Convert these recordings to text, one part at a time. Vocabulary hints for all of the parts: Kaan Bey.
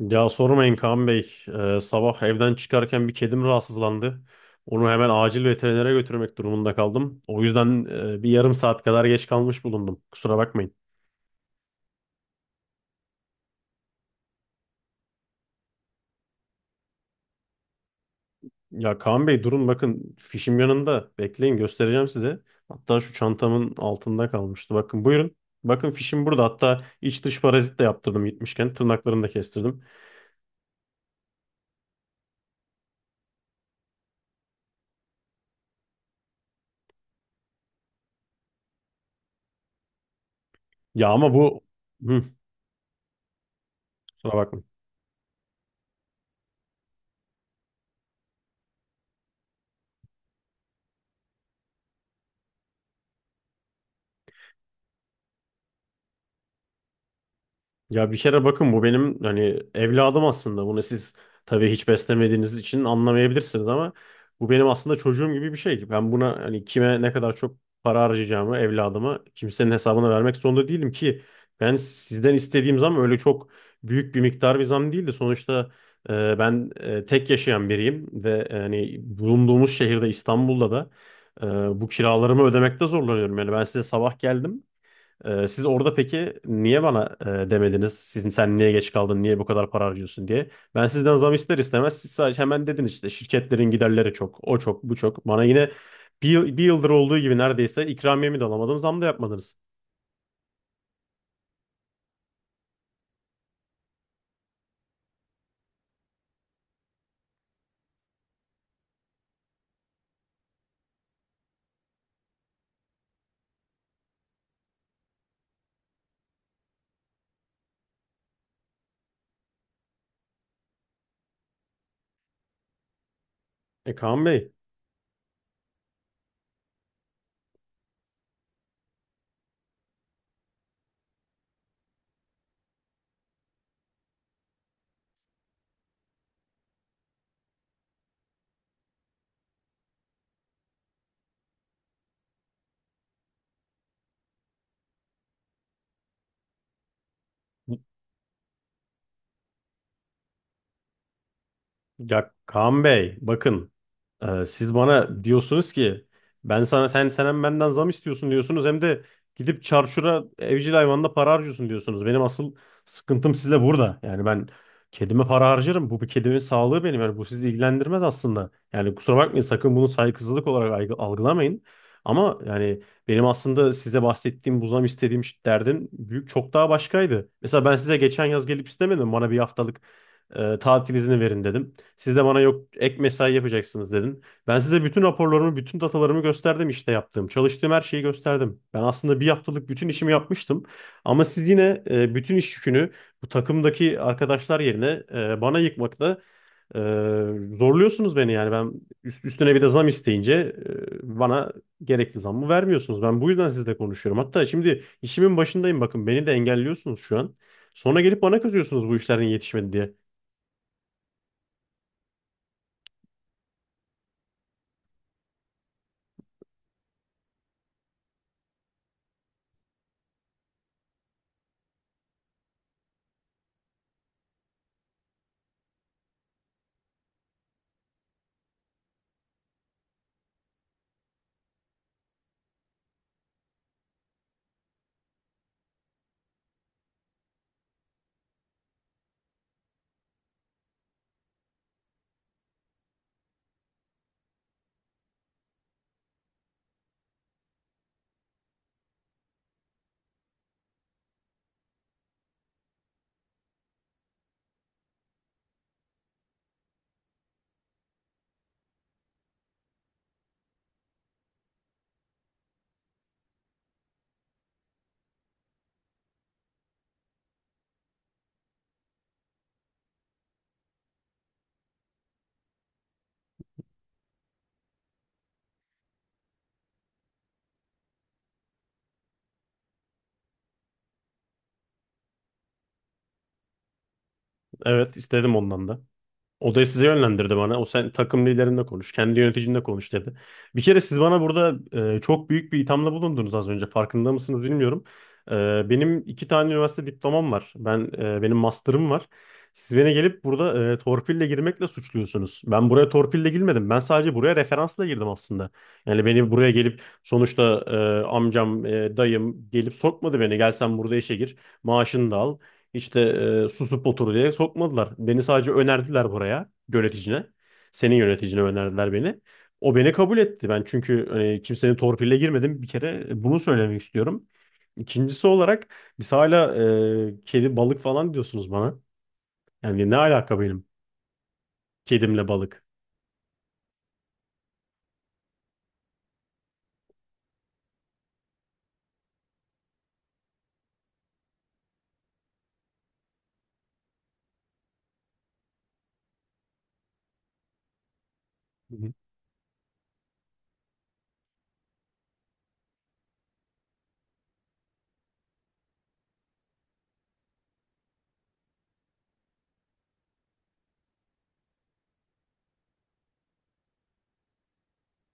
Ya sormayın Kaan Bey. Sabah evden çıkarken bir kedim rahatsızlandı. Onu hemen acil veterinere götürmek durumunda kaldım. O yüzden bir yarım saat kadar geç kalmış bulundum. Kusura bakmayın. Ya Kaan Bey, durun bakın, fişim yanında. Bekleyin, göstereceğim size. Hatta şu çantamın altında kalmıştı. Bakın buyurun. Bakın, fişim burada. Hatta iç dış parazit de yaptırdım gitmişken. Tırnaklarını da kestirdim. Ya ama bu... Hı. Kusura bakmayın. Ya bir kere bakın, bu benim hani evladım aslında. Bunu siz tabii hiç beslemediğiniz için anlamayabilirsiniz ama bu benim aslında çocuğum gibi bir şey. Ben buna hani kime ne kadar çok para harcayacağımı evladıma kimsenin hesabına vermek zorunda değilim ki. Ben sizden istediğim zam öyle çok büyük bir miktar bir zam değildi. Sonuçta ben tek yaşayan biriyim ve hani bulunduğumuz şehirde İstanbul'da da bu kiralarımı ödemekte zorlanıyorum. Yani ben size sabah geldim. Siz orada peki niye bana demediniz? Sizin sen niye geç kaldın? Niye bu kadar para harcıyorsun diye. Ben sizden zam ister istemez siz sadece hemen dediniz işte şirketlerin giderleri çok, o çok, bu çok. Bana yine bir yıldır olduğu gibi neredeyse ikramiyemi de alamadım, zam da yapmadınız. E Kaan Bey Ya Kaan Bey, bakın, siz bana diyorsunuz ki ben sana sen hem benden zam istiyorsun diyorsunuz hem de gidip çarşura evcil hayvanla para harcıyorsun diyorsunuz. Benim asıl sıkıntım sizle burada. Yani ben kedime para harcarım. Bu bir kedimin sağlığı benim. Yani bu sizi ilgilendirmez aslında. Yani kusura bakmayın, sakın bunu saygısızlık olarak algılamayın. Ama yani benim aslında size bahsettiğim bu zam istediğim derdin büyük çok daha başkaydı. Mesela ben size geçen yaz gelip istemedim, bana bir haftalık tatil izni verin dedim. Siz de bana yok ek mesai yapacaksınız dedin. Ben size bütün raporlarımı, bütün datalarımı gösterdim işte yaptığım. Çalıştığım her şeyi gösterdim. Ben aslında bir haftalık bütün işimi yapmıştım. Ama siz yine bütün iş yükünü bu takımdaki arkadaşlar yerine bana yıkmakla e, zorluyorsunuz beni yani. Ben üstüne bir de zam isteyince bana gerekli zammı vermiyorsunuz. Ben bu yüzden sizle konuşuyorum. Hatta şimdi işimin başındayım, bakın beni de engelliyorsunuz şu an. Sonra gelip bana kızıyorsunuz bu işlerin yetişmedi diye. Evet istedim, ondan da. Odayı size yönlendirdi bana. O, sen takım liderinle konuş, kendi yöneticinle konuş dedi. Bir kere siz bana burada çok büyük bir ithamda bulundunuz az önce. Farkında mısınız bilmiyorum. Benim iki tane üniversite diplomam var. Benim master'ım var. Siz beni gelip burada torpille girmekle suçluyorsunuz. Ben buraya torpille girmedim. Ben sadece buraya referansla girdim aslında. Yani beni buraya gelip sonuçta amcam, dayım gelip sokmadı beni. Gel sen burada işe gir, maaşını da al. İşte susup otur diye sokmadılar. Beni sadece önerdiler buraya yöneticine. Senin yöneticine önerdiler beni. O beni kabul etti. Ben çünkü hani, kimsenin torpille girmedim. Bir kere bunu söylemek istiyorum. İkincisi olarak biz hala kedi balık falan diyorsunuz bana. Yani ne alaka benim kedimle balık? Hı.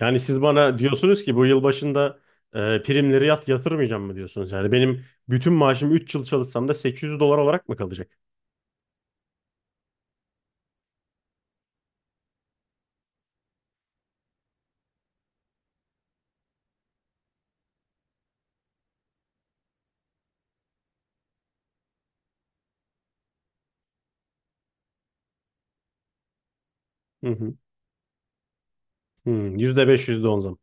Yani siz bana diyorsunuz ki bu yıl başında primleri yatırmayacağım mı diyorsunuz? Yani benim bütün maaşım 3 yıl çalışsam da 800 dolar olarak mı kalacak? Hı hı. Hı, %5, %10 zam.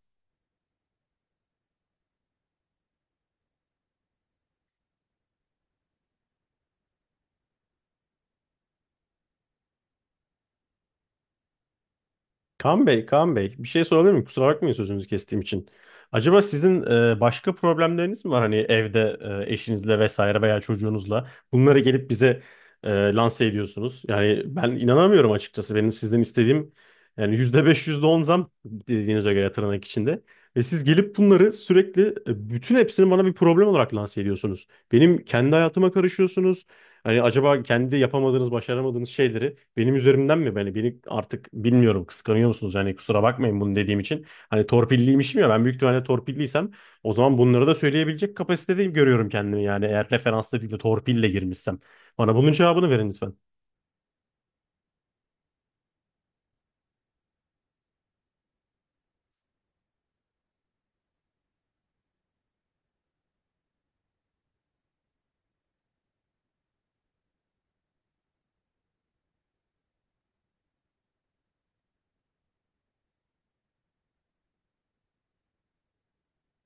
Kaan Bey, Kaan Bey, bir şey sorabilir miyim? Kusura bakmayın sözünüzü kestiğim için. Acaba sizin başka problemleriniz mi var? Hani evde eşinizle vesaire veya çocuğunuzla bunları gelip bize lanse ediyorsunuz. Yani ben inanamıyorum açıkçası. Benim sizden istediğim yani %5 yüzde on zam dediğinize göre, tırnak içinde. Ve siz gelip bunları sürekli bütün hepsini bana bir problem olarak lanse ediyorsunuz. Benim kendi hayatıma karışıyorsunuz. Hani acaba kendi yapamadığınız, başaramadığınız şeyleri benim üzerimden mi? Beni artık bilmiyorum kıskanıyor musunuz? Yani kusura bakmayın bunu dediğim için. Hani torpilliymişim ya, ben büyük ihtimalle torpilliysem o zaman bunları da söyleyebilecek kapasitede görüyorum kendimi. Yani eğer referansla değil de torpille girmişsem. Bana bunun cevabını verin lütfen.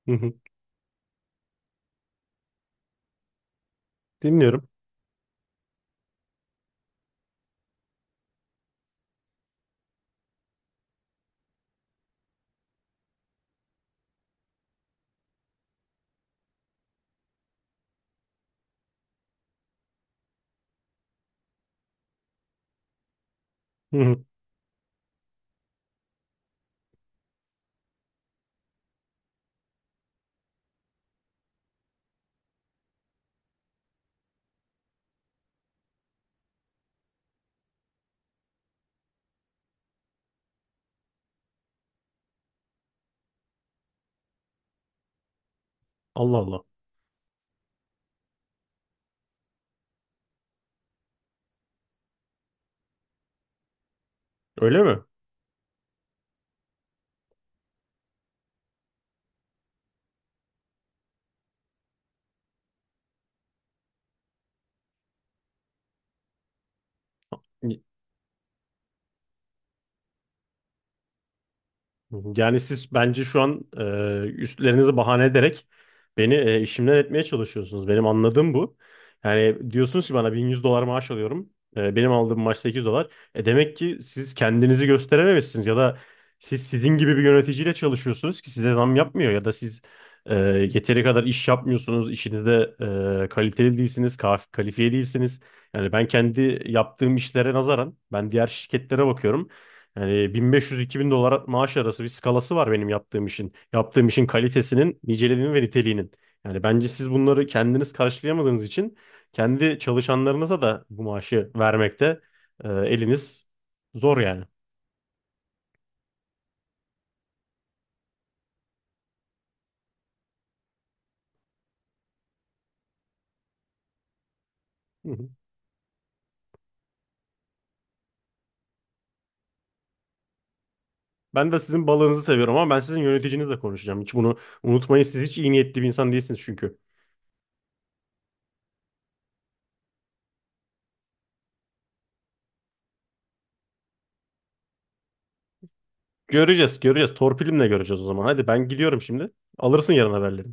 Hı hı. Dinliyorum. Hı hı. Allah Allah. Öyle mi? Hı hı. Yani siz bence şu an üstlerinizi bahane ederek beni işimden etmeye çalışıyorsunuz. Benim anladığım bu. Yani diyorsunuz ki bana 1100 dolar maaş alıyorum. Benim aldığım maaş 800 dolar. Demek ki siz kendinizi gösterememişsiniz ya da siz sizin gibi bir yöneticiyle çalışıyorsunuz ki size zam yapmıyor ya da siz e, yeteri kadar iş yapmıyorsunuz. İşinizde kaliteli değilsiniz, kalifiye değilsiniz. Yani ben kendi yaptığım işlere nazaran ben diğer şirketlere bakıyorum. Yani 1500-2000 dolar maaş arası bir skalası var benim yaptığım işin. Yaptığım işin kalitesinin, niceliğinin ve niteliğinin. Yani bence siz bunları kendiniz karşılayamadığınız için kendi çalışanlarınıza da bu maaşı vermekte eliniz zor yani. Hı hı. Ben de sizin balığınızı seviyorum ama ben sizin yöneticinizle konuşacağım. Hiç bunu unutmayın. Siz hiç iyi niyetli bir insan değilsiniz çünkü. Göreceğiz, göreceğiz. Torpilimle göreceğiz o zaman. Hadi ben gidiyorum şimdi. Alırsın yarın haberleri.